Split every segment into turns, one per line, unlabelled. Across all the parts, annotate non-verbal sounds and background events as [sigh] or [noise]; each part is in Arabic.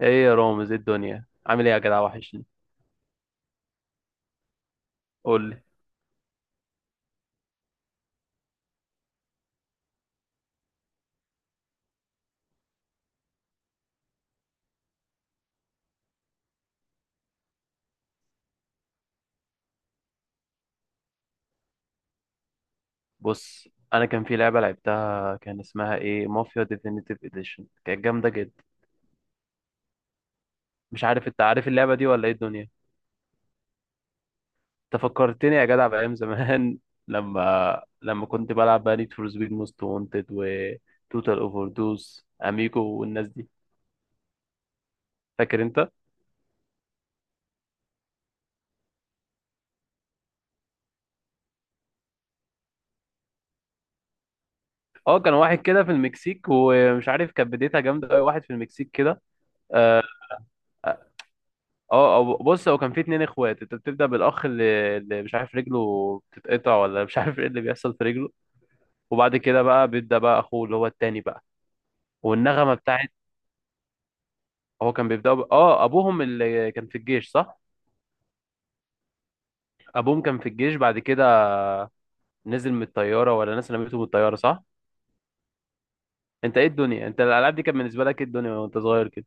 ايه يا رامز، ايه الدنيا؟ عامل ايه يا جدع؟ وحشني. قول لي. بص، انا كان في لعبه لعبتها كان اسمها ايه، مافيا ديفينيتيف اديشن، كانت جامده جدا. مش عارف انت عارف اللعبه دي ولا ايه الدنيا؟ انت فكرتني يا جدع بايام زمان [laughs] لما كنت بلعب بقى نيد فور سبيد موست وانتد وتوتال اوفر دوز اميجو والناس دي. فاكر انت؟ اه، كان واحد كده في المكسيك، ومش عارف، كانت بدايتها جامده قوي. واحد في المكسيك كده. آه، بص، هو كان في اتنين اخوات. انت بتبدأ بالاخ اللي، مش عارف رجله بتتقطع ولا مش عارف ايه اللي بيحصل في رجله. وبعد كده بقى بيبدأ بقى اخوه اللي هو التاني بقى. والنغمة بتاعت، هو كان بيبدأ ب... ابوهم اللي كان في الجيش، صح؟ ابوهم كان في الجيش. بعد كده نزل من الطيارة، ولا ناس نمته من الطيارة، صح؟ انت ايه الدنيا؟ انت الالعاب دي كانت بالنسبة لك ايه الدنيا وانت صغير كده؟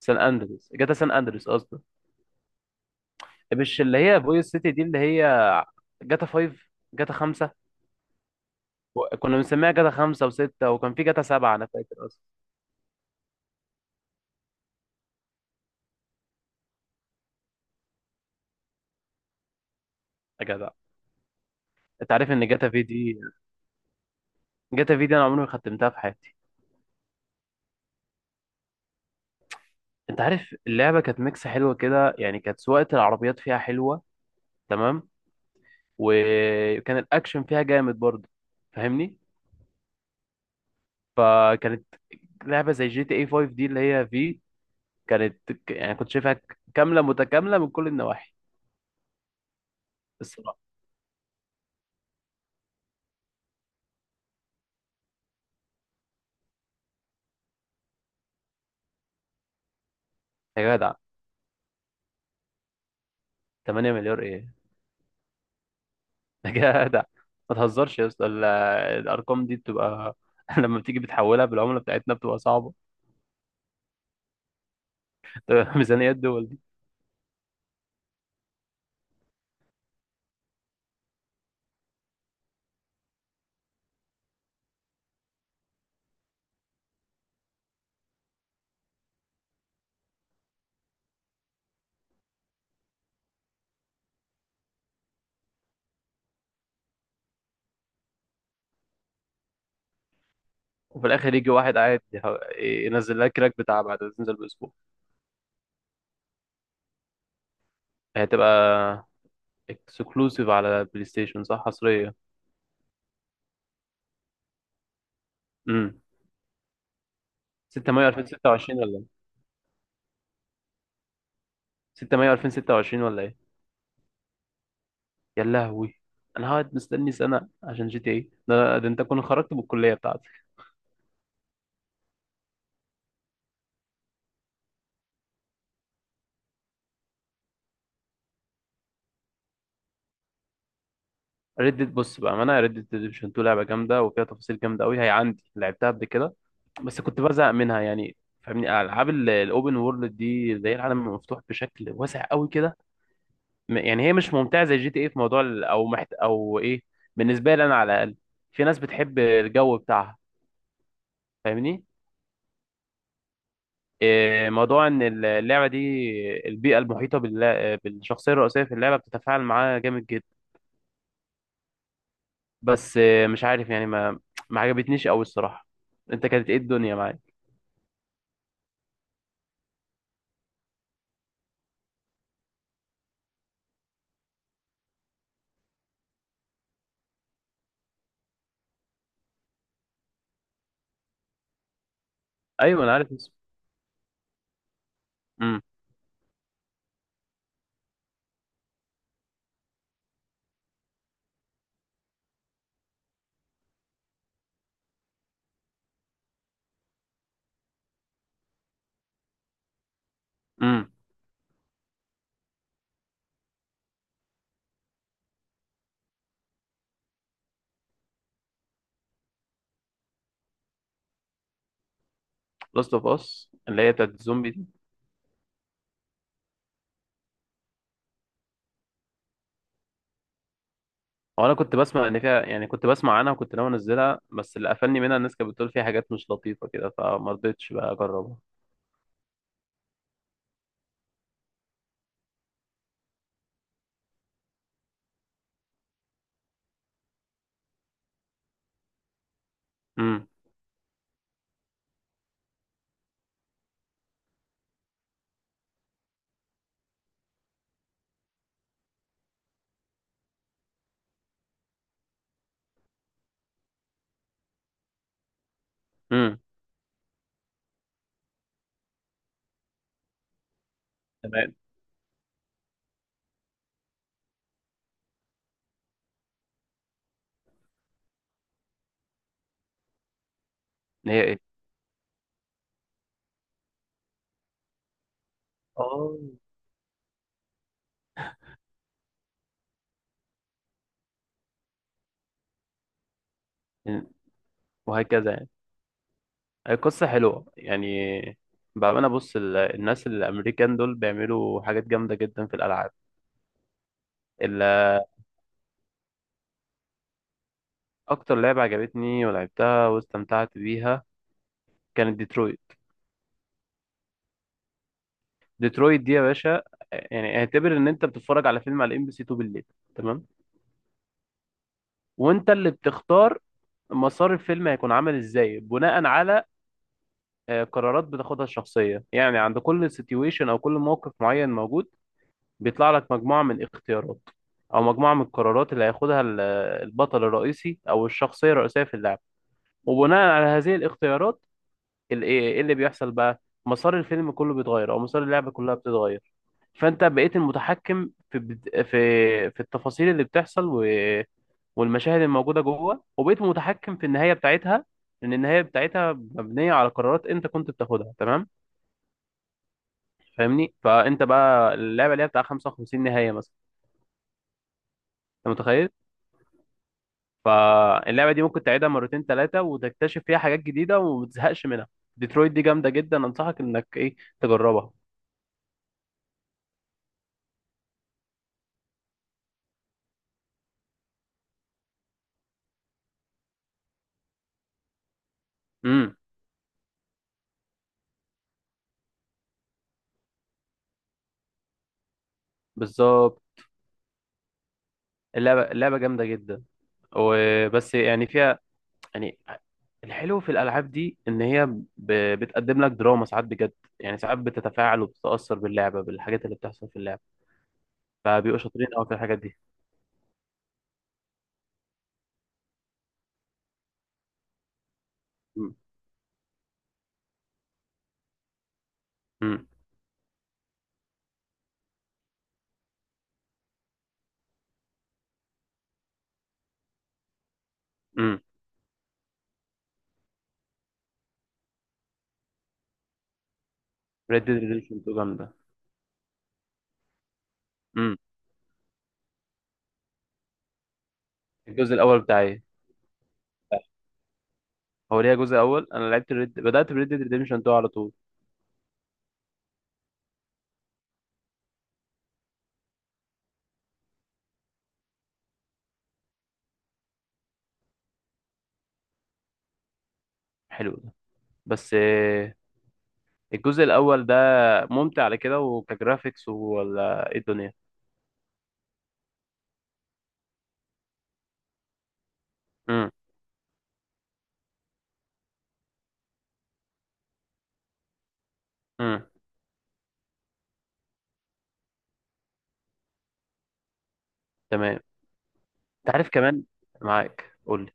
سان اندريس، جاتا سان اندريس قصدي. مش اللي هي فويس سيتي دي، اللي هي جاتا 5. جاتا 5. كنا بنسميها جاتا 5 و6، وكان في جاتا 7 انا فاكر أصلا. يا جدع، انت عارف ان جاتا في دي، جاتا في دي انا عمري ما ختمتها في حياتي. انت عارف اللعبه كانت ميكس حلوه كده، يعني كانت سواقه العربيات فيها حلوه. تمام. وكان الاكشن فيها جامد برضه. فاهمني؟ فكانت لعبه زي جي تي اي 5 دي، اللي هي في، كانت يعني كنت شايفها كامله متكامله من كل النواحي. الصراحه. يا جدع، 8 مليار ايه؟ [laughs] يا جدع، ما تهزرش يا اسطى. الارقام دي بتبقى [laughs] لما بتيجي بتحولها بالعمله بتاعتنا بتبقى صعبه. [laughs] ميزانيات دول. وفي الاخر يجي واحد قاعد ينزل لها كراك بتاع بعد ما تنزل باسبوع. هي هتبقى اكسكلوسيف على بلاي ستيشن، صح؟ حصريه. امم. 6 مايو 2026 ولا إيه؟ 6 مايو 2026 ولا ايه؟ يا لهوي، انا هقعد مستني سنه عشان جي تي اي ده؟ انت كنت خرجت من الكليه بتاعتك. ريد ديد، بص بقى، ما انا ريد ديد ريدمشن 2 لعبه جامده وفيها تفاصيل جامده قوي، هي عندي لعبتها قبل كده. بس كنت بزهق منها يعني. فاهمني؟ العاب الاوبن وورلد دي، زي العالم المفتوح بشكل واسع قوي كده، يعني هي مش ممتعه زي جي تي ايه في موضوع ال- او محت... او ايه. بالنسبه لي انا على الاقل. في ناس بتحب الجو بتاعها. فاهمني؟ إيه موضوع ان اللعبه دي، البيئه المحيطه بالشخصيه الرئيسيه في اللعبه بتتفاعل معاها جامد جدا. بس إيه، مش عارف يعني، ما عجبتنيش قوي الصراحه. انت كانت ايه الدنيا معاك؟ ايوه انا عارف اسمه. امم. امم. لاست اوف اس، اللي هي بتاعت الزومبي دي. وانا كنت بسمع ان فيها، يعني كنت بسمع عنها، وكنت ناوي انزلها، بس اللي قفلني منها الناس كانت بتقول فيها حاجات مش لطيفه كده، فما رضيتش بقى اجربها. امم. امم. تمام. هي ايه؟ اه. وهكذا يعني. هي قصة حلوة يعني. بأمانة، بص، الناس الأمريكان دول بيعملوا حاجات جامدة جدا في الألعاب. ال- أكتر لعبة عجبتني ولعبتها واستمتعت بيها كانت ديترويت. ديترويت دي يا باشا، يعني اعتبر إن أنت بتتفرج على فيلم على ام بي سي 2 بالليل. تمام؟ وأنت اللي بتختار مسار الفيلم هيكون عامل إزاي، بناء على قرارات بتاخدها الشخصية. يعني عند كل سيتويشن أو كل موقف معين موجود، بيطلع لك مجموعة من اختيارات أو مجموعة من القرارات اللي هياخدها البطل الرئيسي أو الشخصية الرئيسية في اللعبة. وبناء على هذه الاختيارات، إيه اللي بيحصل بقى، مسار الفيلم كله بيتغير أو مسار اللعبة كلها بتتغير. فأنت بقيت المتحكم في في التفاصيل اللي بتحصل والمشاهد الموجودة جوه، وبقيت متحكم في النهاية بتاعتها. لأن النهاية بتاعتها مبنية على قرارات أنت كنت بتاخدها. تمام؟ فاهمني؟ فأنت بقى اللعبة اللي هي بتاع 55 نهاية مثلا. أنت متخيل؟ فاللعبة دي ممكن تعيدها مرتين ثلاثة وتكتشف فيها حاجات جديدة وما تزهقش منها. ديترويت دي جامدة جدا، أنصحك إنك إيه، تجربها. امم. بالظبط. اللعبة، اللعبة جامدة جدا. وبس يعني فيها، يعني الحلو في الألعاب دي إن هي ب... بتقدم لك دراما ساعات بجد. يعني ساعات بتتفاعل وبتتأثر باللعبة، بالحاجات اللي بتحصل في اللعبة. فبيبقوا شاطرين قوي في الحاجات دي. امم. امم. امم. ريد ديد ريدمشن 2 جامدة. امم. الجزء الأول بتاعي، هو ليها جزء اول؟ انا لعبت الريد، بدات بريد ديد ريديمشن 2 على طول. حلو ده. بس آه، الجزء الاول ده ممتع على كده، وكجرافيكس ولا ايه الدنيا؟ امم. امم. تمام. انت عارف كمان، معاك، قول لي.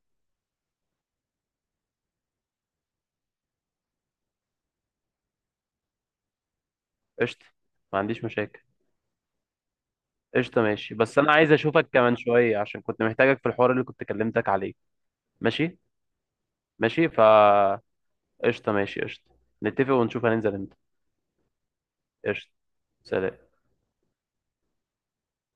قشطه. ما عنديش مشاكل. قشطه، ماشي، بس انا عايز اشوفك كمان شويه عشان كنت محتاجك في الحوار اللي كنت كلمتك عليه. ماشي. ماشي فا، قشطه ماشي قشطه. نتفق ونشوف هننزل امتى. قشطه. سلام.